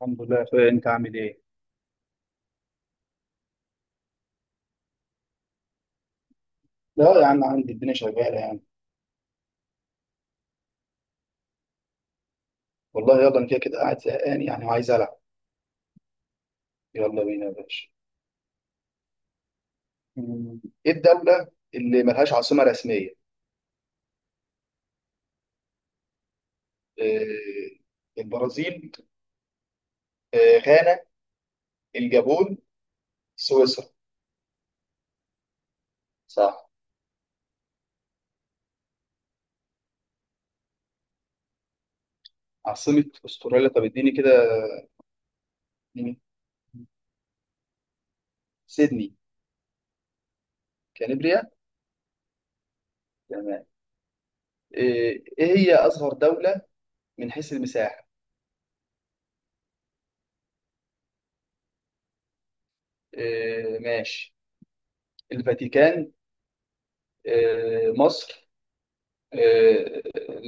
الحمد لله يا اخويا انت عامل ايه؟ لا يا عم عندي الدنيا شغالة يعني. والله يلا انا كده كده قاعد زهقان يعني وعايز ألعب. يلا بينا يا باشا. مم. ايه الدولة اللي ملهاش عاصمة رسمية؟ إيه، البرازيل، إيه غانا، الجابون، سويسرا. صح. عاصمة استراليا طب اديني كده. اديني. سيدني. كانبريا. تمام. إيه إيه هي أصغر دولة من حيث المساحة؟ إيه ماشي. الفاتيكان، إيه مصر، آه،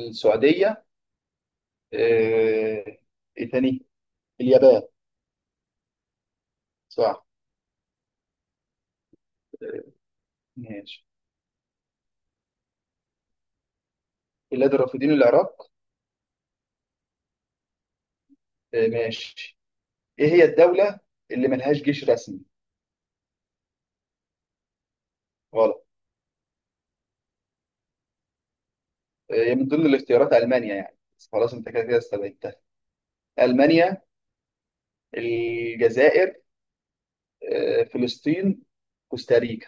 السعودية، آه، ايه تاني، اليابان. صح. آه، ماشي. بلاد الرافدين العراق. ماشي. ايه هي الدولة اللي ملهاش جيش رسمي؟ غلط. هي من ضمن الاختيارات ألمانيا يعني بس خلاص انت كده كده استبعدتها. ألمانيا، الجزائر، فلسطين، كوستاريكا.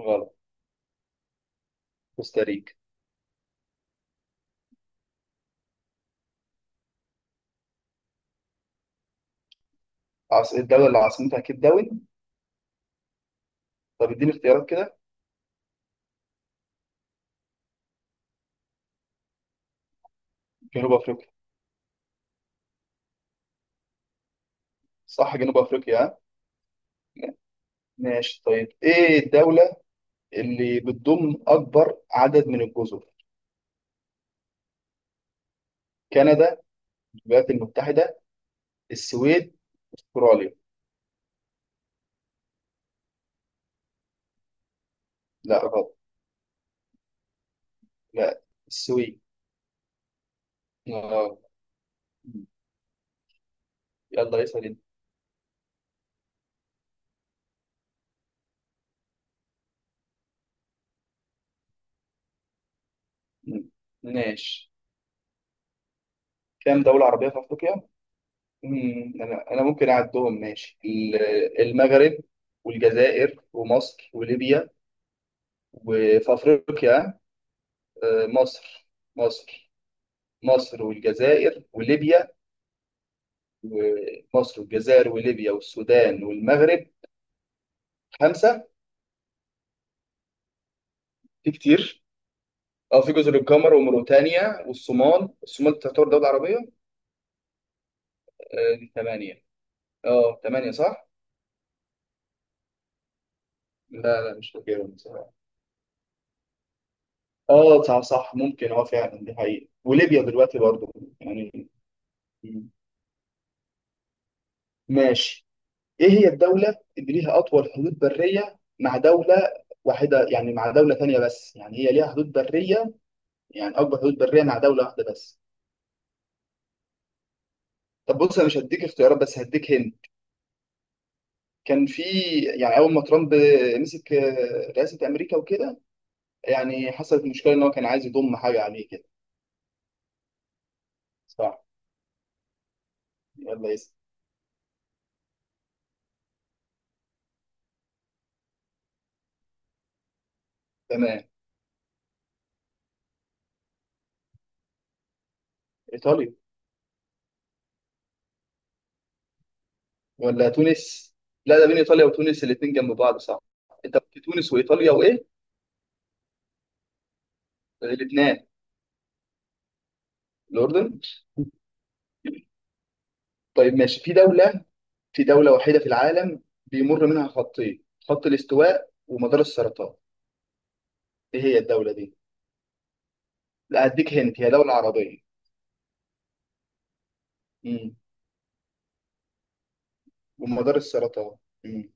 غلط. كوستاريكا. الدولة اللي عاصمتها كيب داون. طب اديني اختيارات كده. جنوب افريقيا. صح جنوب افريقيا ها؟ ماشي طيب. ايه الدولة اللي بتضم أكبر عدد من الجزر؟ كندا، الولايات المتحدة، السويد، أستراليا. لا غلط. لا السويد. آه. يلا اسأل انت. مم. ماشي. كام دولة عربية في أفريقيا؟ مم. أنا ممكن أعدهم ماشي المغرب والجزائر ومصر وليبيا وفي أفريقيا، مصر، مصر مصر والجزائر وليبيا، ومصر والجزائر وليبيا والسودان والمغرب خمسة. في كتير، اه في جزر القمر وموريتانيا والصومال، الصومال تعتبر دولة عربية. آه دي ثمانية. اه ثمانية صح؟ لا لا مش فاكرهم بصراحة. اه صح صح ممكن، اه فعلا دي حقيقة، وليبيا دلوقتي برضو يعني. مم. ماشي. ايه هي الدولة اللي ليها أطول حدود برية مع دولة واحدة؟ يعني مع دولة ثانية بس، يعني هي ليها حدود برية، يعني أكبر حدود برية مع دولة واحدة بس. طب بص أنا مش هديك اختيارات بس هديك هند. كان في يعني أول ما ترامب مسك رئاسة أمريكا وكده، يعني حصلت مشكلة إن هو كان عايز يضم حاجة عليه كده. صح. يلا يس. تمام. إيطاليا، ولا تونس، لا ده بين إيطاليا وتونس الاتنين جنب بعض صح. أنت في تونس وإيطاليا وإيه؟ الاتنين. الأردن. طيب ماشي. في دولة وحيدة في العالم بيمر منها خطين خط الاستواء ومدار السرطان. إيه هي الدولة دي؟ لا هديك هنت هي دولة عربية. امم. ومدار السرطان. امم.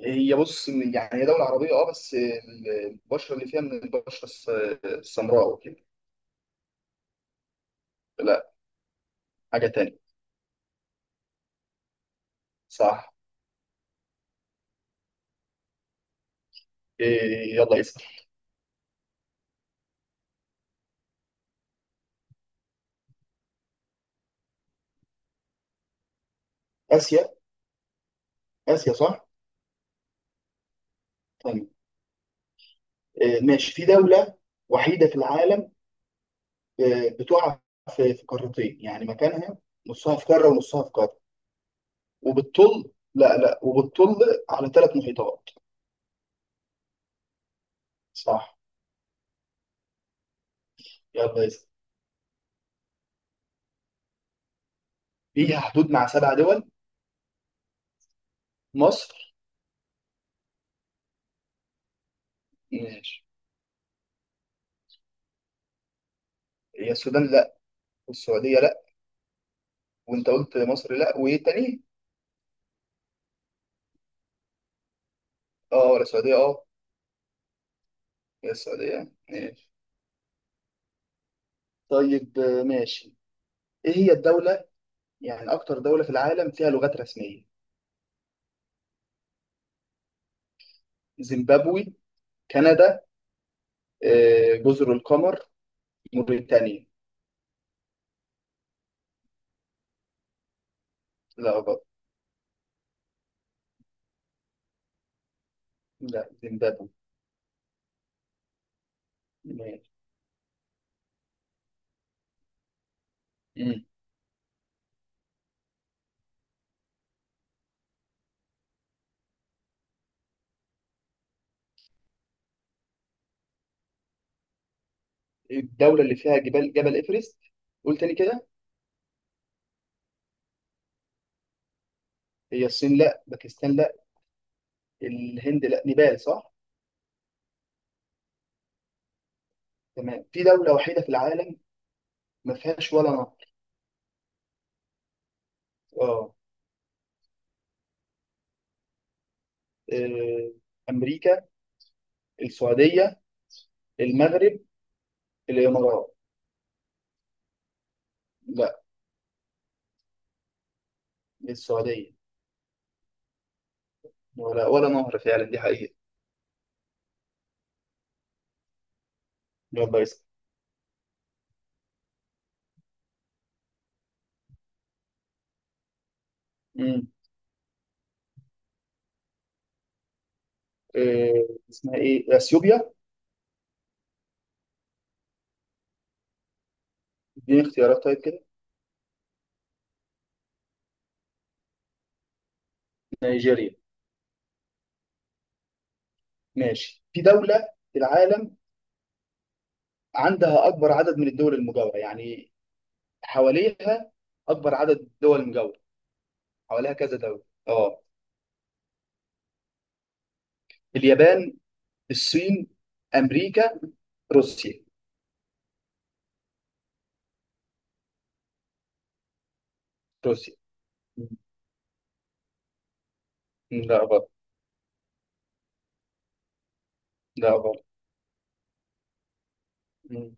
هي بص يعني هي دولة عربية اه بس البشرة اللي فيها من البشرة السمراء وكده. لا، حاجة تانية. صح. إيه يلا اسأل. آسيا. آسيا صح. طيب إيه ماشي. في دولة وحيدة في العالم، إيه بتقع في قارتين، يعني مكانها نصها في قارة ونصها في قارة وبتطل، لا وبتطل على ثلاث محيطات. صح. يلا اسأل. فيها حدود مع سبع دول. مصر. ماشي. هي السودان لا، والسعودية لا، وانت قلت مصر لا، وايه تاني؟ اه ولا السعودية اه. هي السعودية ماشي. طيب ماشي. ايه هي الدولة يعني أكتر دولة في العالم فيها لغات رسمية؟ زيمبابوي، كندا، جزر القمر، موريتانيا. لا غلط. لا زيمبابوي. ماشي. مم. الدولة اللي فيها جبال جبل إيفرست. قول تاني كده. هي الصين لا، باكستان لا، الهند لا، نيبال صح. تمام. في دولة وحيدة في العالم ما فيهاش ولا نهر. اه. آه، أمريكا، السعودية، المغرب، الإمارات. لا السعودية. ولا ولا نهر فعلا دي حقيقة. يلا اسأل. اسمها ايه اثيوبيا. اديني اختيارات طيب كده. نيجيريا. ماشي. في دولة في العالم عندها أكبر عدد من الدول المجاورة، يعني حواليها أكبر عدد دول مجاورة، حواليها كذا دولة. اه. اليابان، الصين، أمريكا، روسيا. روسيا. مم. لا غلط. لا غلط. مم.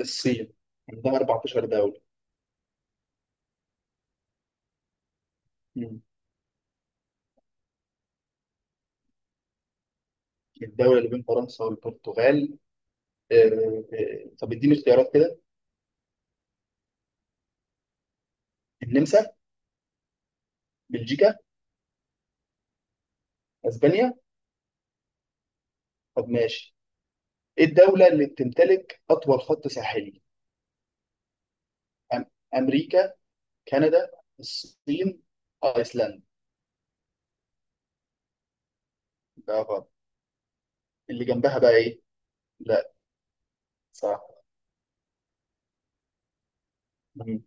الصين عندها 14 دولة. مم. الدولة اللي بين فرنسا والبرتغال. طب اديني اختيارات كده. النمسا، بلجيكا، اسبانيا. طب ماشي. الدولة اللي بتمتلك أطول خط ساحلي. أم- أمريكا، كندا، الصين، أيسلندا. ده غلط. اللي جنبها بقى إيه؟ لا صح. مم.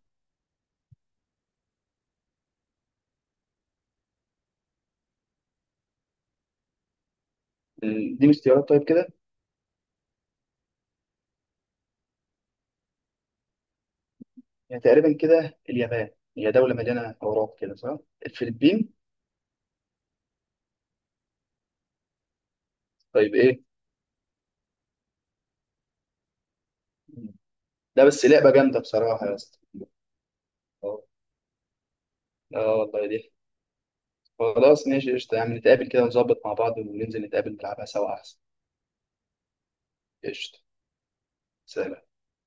دي مش اختيارات طيب كده. يعني تقريبا كده اليابان، هي دولة مليانة أوراق كده صح؟ الفلبين. طيب إيه؟ مم. لا بس لعبة جامدة بصراحة يا اسطى. آه. آه والله دي. خلاص ماشي قشطة، يعني نتقابل كده ونظبط مع بعض وننزل نتقابل نلعبها سوا أحسن. قشطة. سلام.